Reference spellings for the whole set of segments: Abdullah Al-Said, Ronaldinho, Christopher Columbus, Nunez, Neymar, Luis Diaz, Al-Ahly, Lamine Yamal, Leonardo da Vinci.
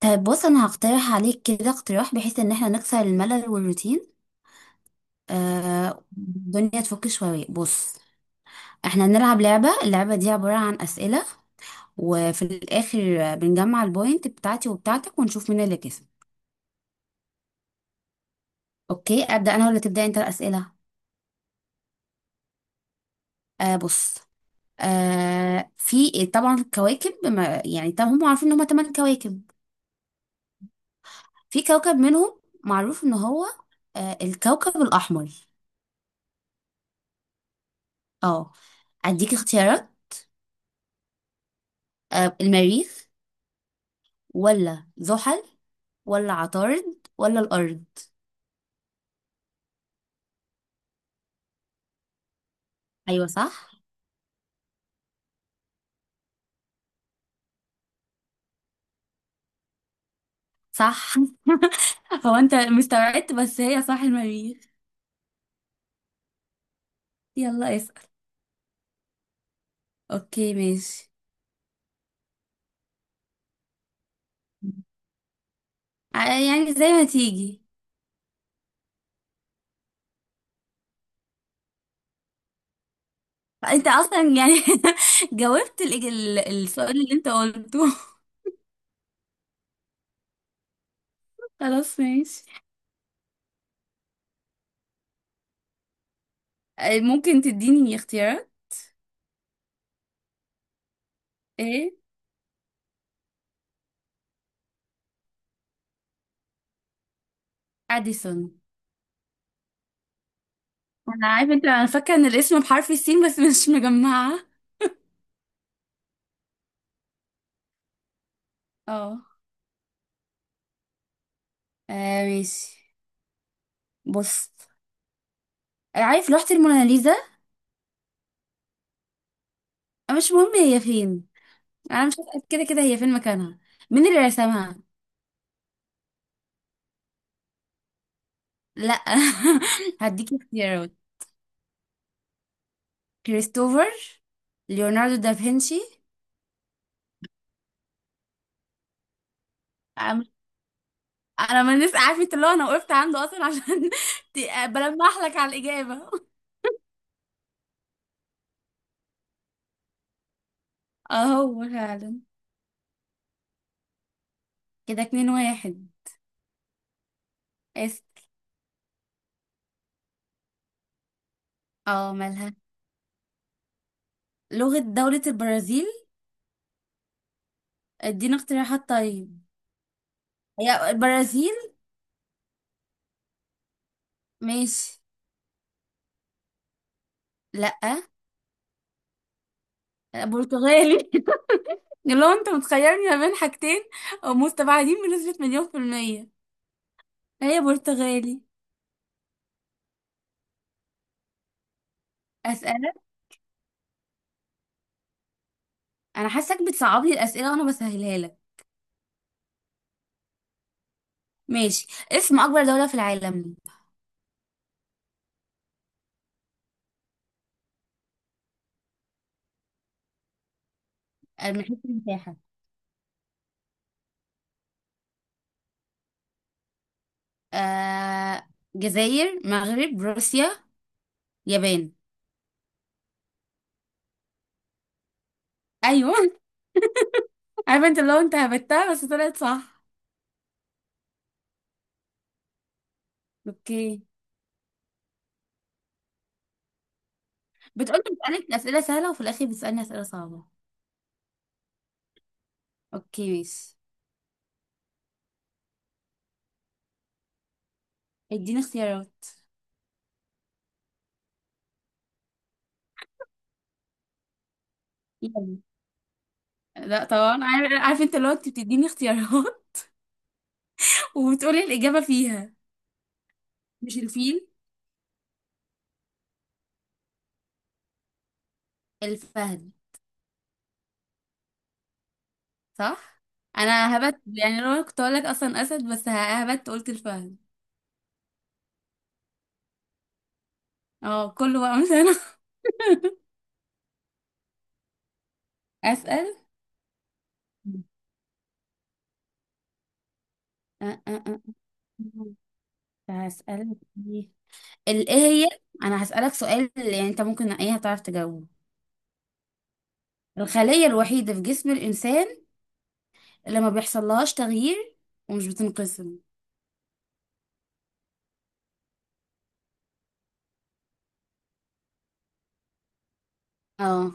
طيب بص انا هقترح عليك كده اقتراح بحيث ان احنا نكسر الملل والروتين. الدنيا تفك شوية. بص، احنا نلعب لعبة. اللعبة دي عبارة عن اسئلة، وفي الاخر بنجمع البوينت بتاعتي وبتاعتك ونشوف مين اللي كسب. اوكي، ابدأ انا ولا تبدأ انت الاسئلة؟ بص. في طبعا الكواكب يعني طبعا هم عارفين ان هم 8 كواكب. في كوكب منهم معروف ان هو الكوكب الاحمر. اه، اديك اختيارات: المريخ، ولا زحل، ولا عطارد، ولا الأرض؟ أيوة صح. صح. هو أنت مستوعبت، بس هي صح المريخ. يلا اسأل. أوكي ماشي. يعني زي ما تيجي. أنت أصلا يعني جاوبت السؤال اللي أنت قلته. خلاص ماشي. ممكن تديني اختيارات؟ إيه؟ أديسون. أنا عارفة أنت، أنا فاكرة إن الاسم بحرف السين بس مش مجمعة. اه. ماشي. بص، عارف لوحة الموناليزا؟ مش مهم هي فين، انا مش هسأل كده كده هي فين مكانها. مين اللي رسمها؟ لا. هديكي اختيارات: كريستوفر، ليوناردو دافنشي. أم- انا ما الناس عارفه اللي هو انا وقفت عنده اصلا عشان بلمح لك على الاجابه. اهو فعلا. كده 2-1. اس اه، مالها؟ لغة دولة البرازيل. ادينا اقتراحات طيب، هي البرازيل. ماشي. لا. برتغالي. لو انت متخيرني ما بين حاجتين مستبعدين بنسبة مليون%، هي برتغالي. أسألك. أنا حاسك بتصعب لي الأسئلة وأنا بسهلها لك. ماشي. اسم أكبر دولة في العالم. من حيث المساحة. آه... جزائر، مغرب، روسيا، يابان. أيوة. عارفة أنت، لو أنت هبتها بس طلعت صح. أوكي. بتقولي بسألك أسئلة سهلة وفي الآخر بتسألني أسئلة صعبة. أوكي ماشي. اديني اختيارات. يلا. لا طبعا، عارف، عارف أنت لو أنت بتديني اختيارات وبتقولي الإجابة فيها. مش الفيل. الفهد. صح. أنا هبت، يعني لو كنت أقول لك أصلا أسد، بس هبت قلت الفهد. اه كله بقى، مش أنا. أسأل. أه أه أه. هسألك. ايه؟ ايه هي؟ أنا هسألك سؤال يعني أنت ممكن ايه هتعرف تجاوبه. الخلية الوحيدة في جسم الإنسان اللي ما بيحصلهاش تغيير ومش بتنقسم. اه.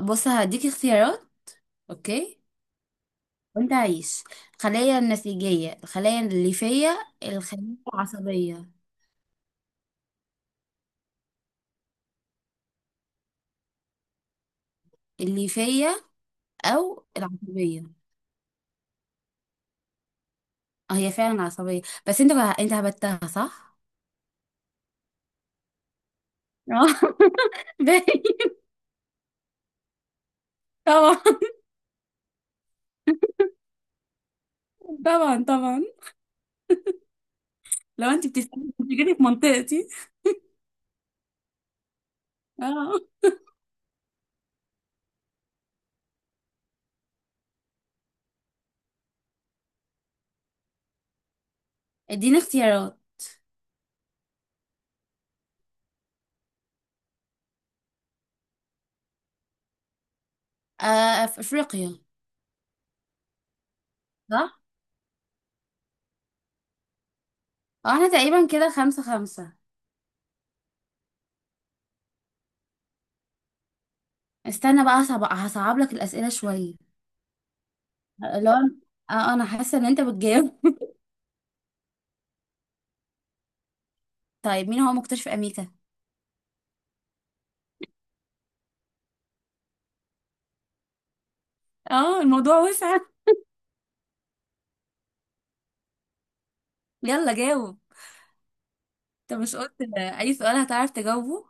بص، هديكي اختيارات. اوكي. وانت عايش: الخلايا النسيجية، الخلايا الليفية، الخلايا العصبية. الليفية أو العصبية. اه، هي فعلا عصبية. بس انت هبتها صح؟ اه. باين. طبعا. طبعا طبعا. لو انت بتسألي، انت جيتي في منطقتي. اه. اديني اختيارات. في افريقيا. صح؟ اه، احنا تقريبا كده 5-5. استنى بقى، هصعب لك الأسئلة شوية. لو، اه انا حاسة ان انت بتجاوب. طيب، مين هو مكتشف امريكا؟ اه، الموضوع وسع. يلا جاوب. انت مش قلت اي سؤال هتعرف تجاوبه؟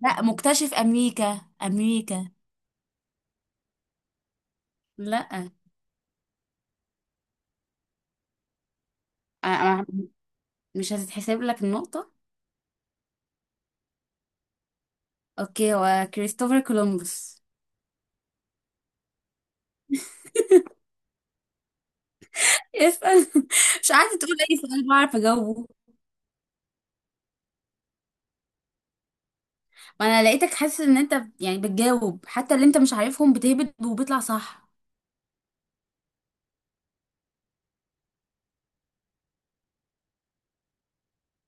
لا، مكتشف امريكا. امريكا. لا. أنا- مش هتتحسب لك النقطة. اوكي، هو كريستوفر كولومبوس. اسأل. مش قاعدة تقول اي سؤال بعرف اجاوبه؟ ما انا لقيتك حاسس ان انت يعني بتجاوب حتى اللي انت مش عارفهم، بتهبد وبيطلع صح.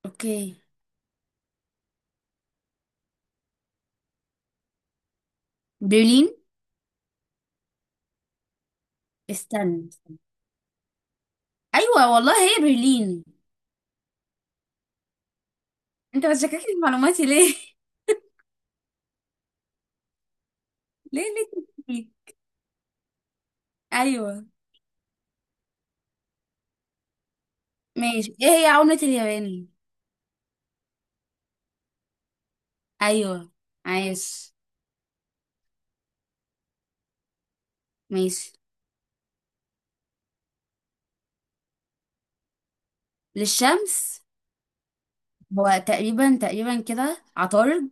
اوكي. برلين. استنى. ايوه والله هي برلين. انت بتشككني في معلوماتي ليه؟ ليه؟ ليه؟ ايوه. ماشي، ايه هي عملة اليابان؟ ايوه. عايش. ماشي. للشمس. هو تقريبا، كده عطارد.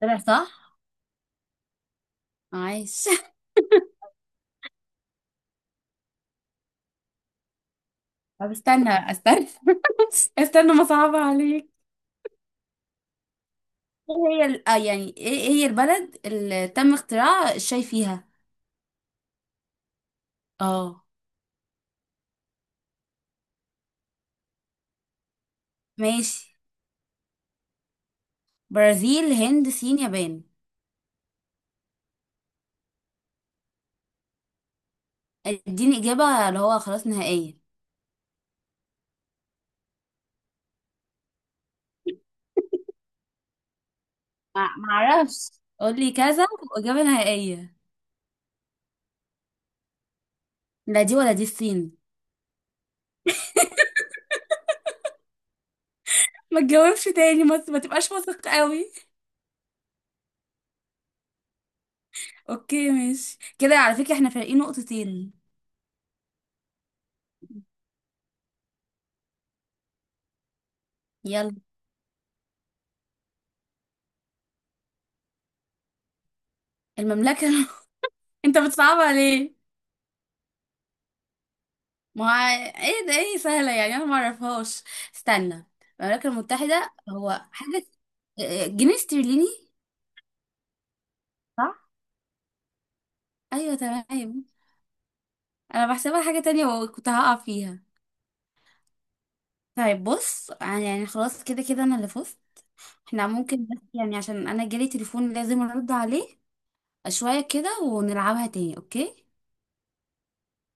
طلع صح. عايش. طب، استنى. استنى، ما صعب عليك. ايه هي يعني ايه، هي البلد اللي تم اختراع الشاي فيها؟ اه. ماشي. برازيل، هند، صين، يابان. اديني اجابة اللي هو خلاص نهائية. ما معرفش. قولي كذا، واجابة نهائية. لا دي، ولا دي الصين. ما تجاوبش تاني، ما تبقاش واثق قوي. اوكي ماشي. كده على فكرة احنا فارقين نقطتين. يلا. المملكة. انت بتصعبها ليه؟ ما هو ايه ده، ايه سهلة يعني، انا ما اعرفهاش. استنى. المملكة المتحدة هو حاجة. جنيه استرليني. صح. ايوه تمام. انا بحسبها حاجة تانية وكنت هقع فيها. طيب بص، يعني خلاص كده كده انا اللي فزت. احنا ممكن بس يعني عشان انا جالي تليفون لازم ارد عليه شوية كده، ونلعبها تاني، اوكي؟